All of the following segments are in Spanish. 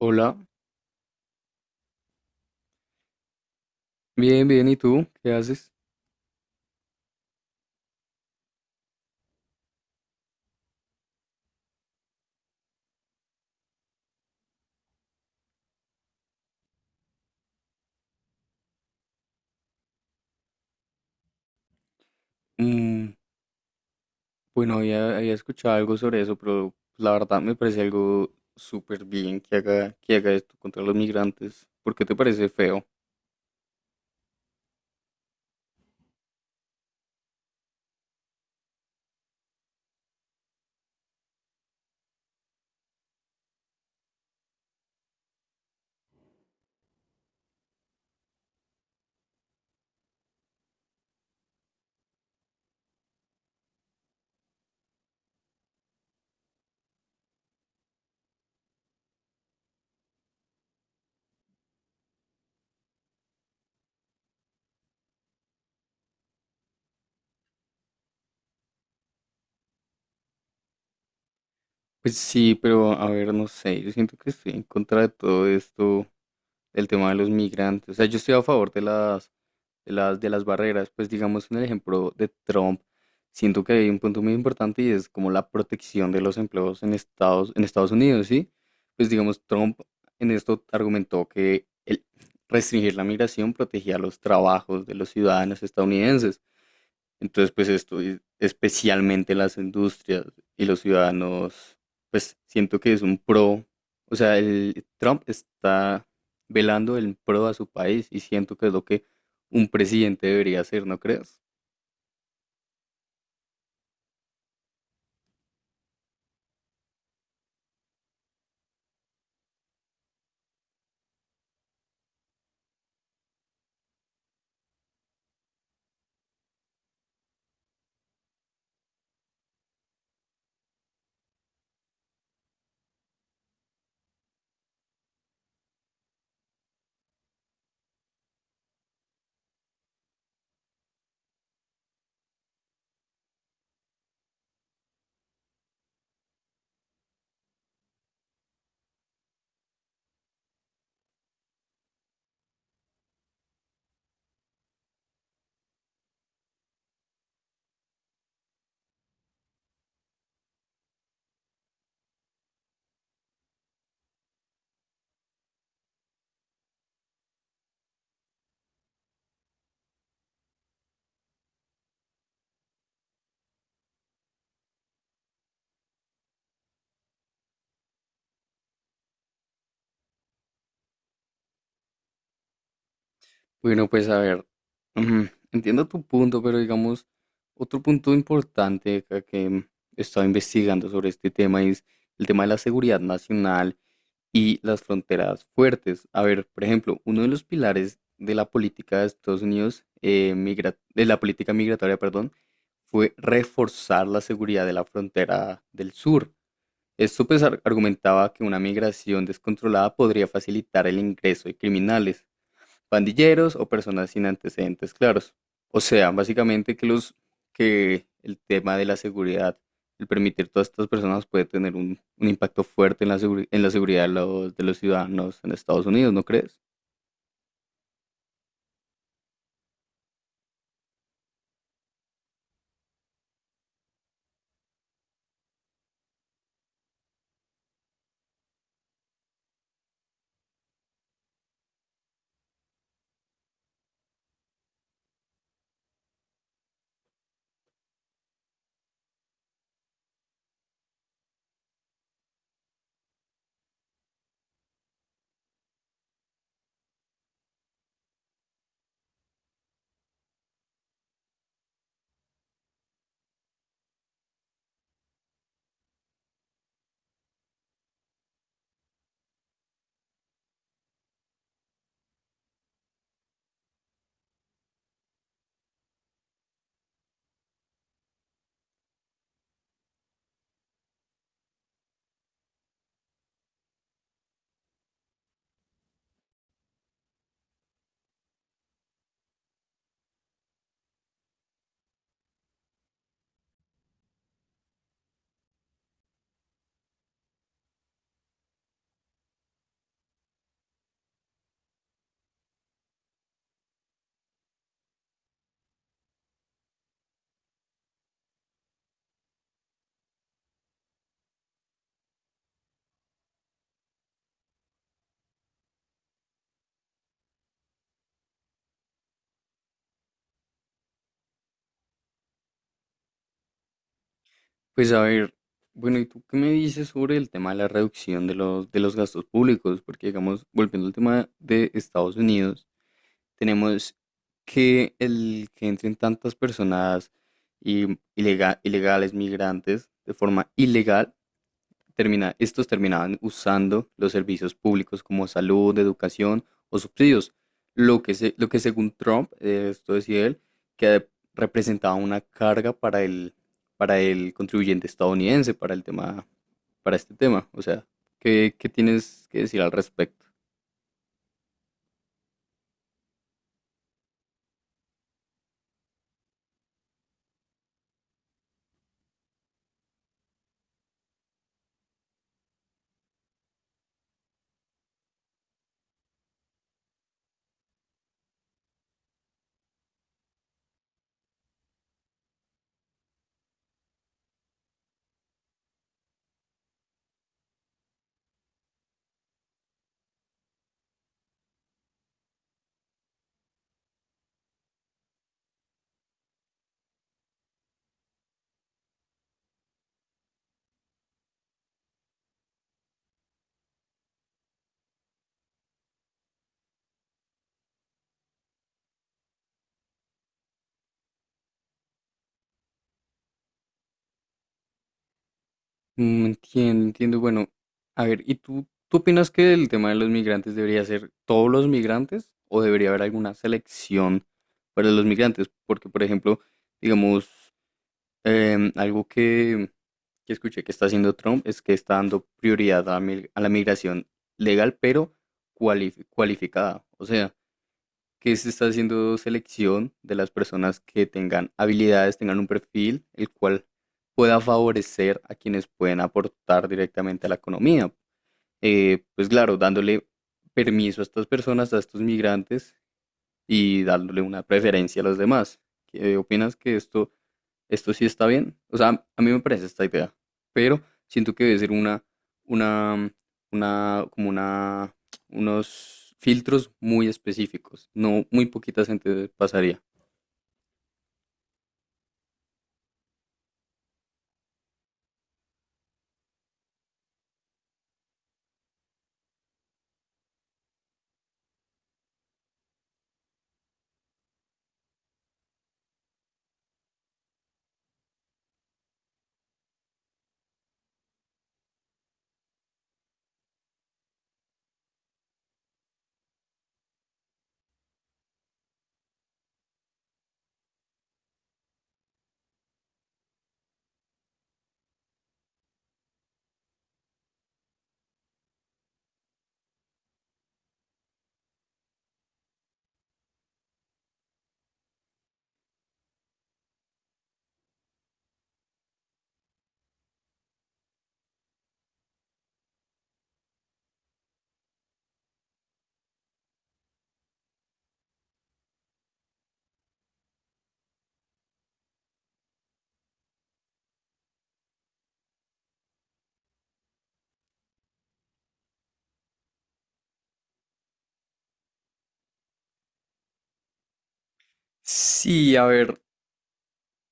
Hola, bien, bien, ¿y tú? ¿Qué haces? Mm, bueno, había escuchado algo sobre eso, pero la verdad me parece algo súper bien que haga esto contra los migrantes. ¿Por qué te parece feo? Pues sí, pero a ver, no sé, yo siento que estoy en contra de todo esto del tema de los migrantes. O sea, yo estoy a favor de las, de las barreras. Pues digamos en el ejemplo de Trump, siento que hay un punto muy importante y es como la protección de los empleos en Estados Unidos, ¿sí? Pues digamos, Trump en esto argumentó que el restringir la migración protegía los trabajos de los ciudadanos estadounidenses. Entonces, pues esto, especialmente las industrias y los ciudadanos, pues siento que es un pro, o sea, el Trump está velando el pro a su país y siento que es lo que un presidente debería hacer, ¿no crees? Bueno, pues a ver, ujú, entiendo tu punto, pero digamos, otro punto importante acá que he estado investigando sobre este tema es el tema de la seguridad nacional y las fronteras fuertes. A ver, por ejemplo, uno de los pilares de la política de Estados Unidos, de la política migratoria, perdón, fue reforzar la seguridad de la frontera del sur. Esto pues argumentaba que una migración descontrolada podría facilitar el ingreso de criminales, pandilleros o personas sin antecedentes claros. O sea, básicamente que los, que el tema de la seguridad, el permitir todas estas personas puede tener un impacto fuerte en la, en la seguridad de los ciudadanos en Estados Unidos, ¿no crees? Pues a ver, bueno, ¿y tú qué me dices sobre el tema de la reducción de los gastos públicos? Porque, digamos, volviendo al tema de Estados Unidos, tenemos que el que entren tantas personas y ilegales, migrantes, de forma ilegal, termina, estos terminaban usando los servicios públicos como salud, educación o subsidios, lo que, lo que según Trump, esto decía él, que representaba una carga para el contribuyente estadounidense, para el tema, para este tema. O sea, ¿qué, qué tienes que decir al respecto? Entiendo, entiendo. Bueno, a ver, ¿y tú opinas que el tema de los migrantes debería ser todos los migrantes o debería haber alguna selección para los migrantes? Porque, por ejemplo, digamos, algo que escuché que está haciendo Trump es que está dando prioridad a, a la migración legal, pero cualificada. O sea, que se está haciendo selección de las personas que tengan habilidades, tengan un perfil, el cual pueda favorecer a quienes pueden aportar directamente a la economía. Pues claro, dándole permiso a estas personas, a estos migrantes y dándole una preferencia a los demás. ¿Qué opinas? Que esto sí está bien. O sea, a mí me parece esta idea, pero siento que debe ser una, una, como una, unos filtros muy específicos. No, muy poquita gente pasaría. Sí, a ver,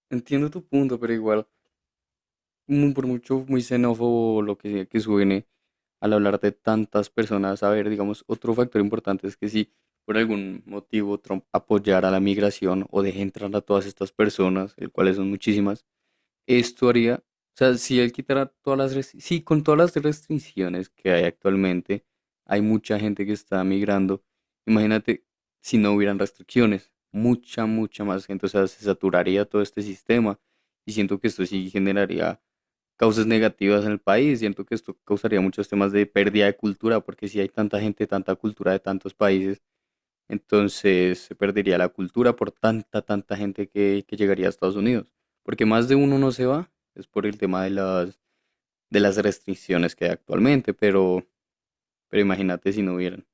entiendo tu punto, pero igual, por mucho muy xenófobo lo que sea que suene al hablar de tantas personas, a ver, digamos, otro factor importante es que si por algún motivo Trump apoyara la migración o deje entrar a todas estas personas, el cuales son muchísimas. Esto haría, o sea, si él quitara todas las, sí, con todas las restricciones que hay actualmente, hay mucha gente que está migrando. Imagínate si no hubieran restricciones, mucha, mucha más gente, o sea, se saturaría todo este sistema y siento que esto sí generaría causas negativas en el país, siento que esto causaría muchos temas de pérdida de cultura, porque si hay tanta gente, tanta cultura de tantos países, entonces se perdería la cultura por tanta, tanta gente que llegaría a Estados Unidos. Porque más de uno no se va, es por el tema de las restricciones que hay actualmente, pero imagínate si no hubieran.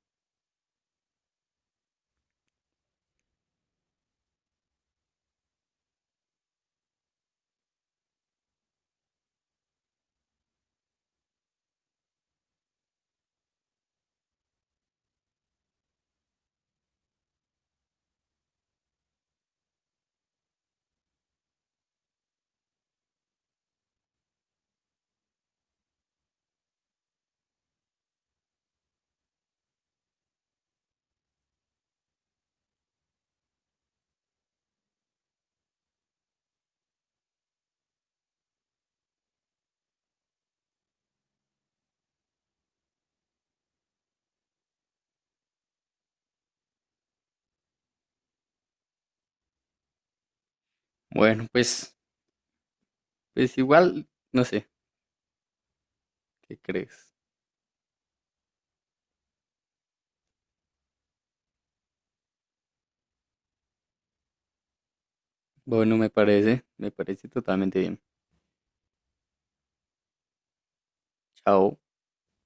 Bueno, pues, pues igual, no sé, ¿qué crees? Bueno, me parece totalmente bien. Chao.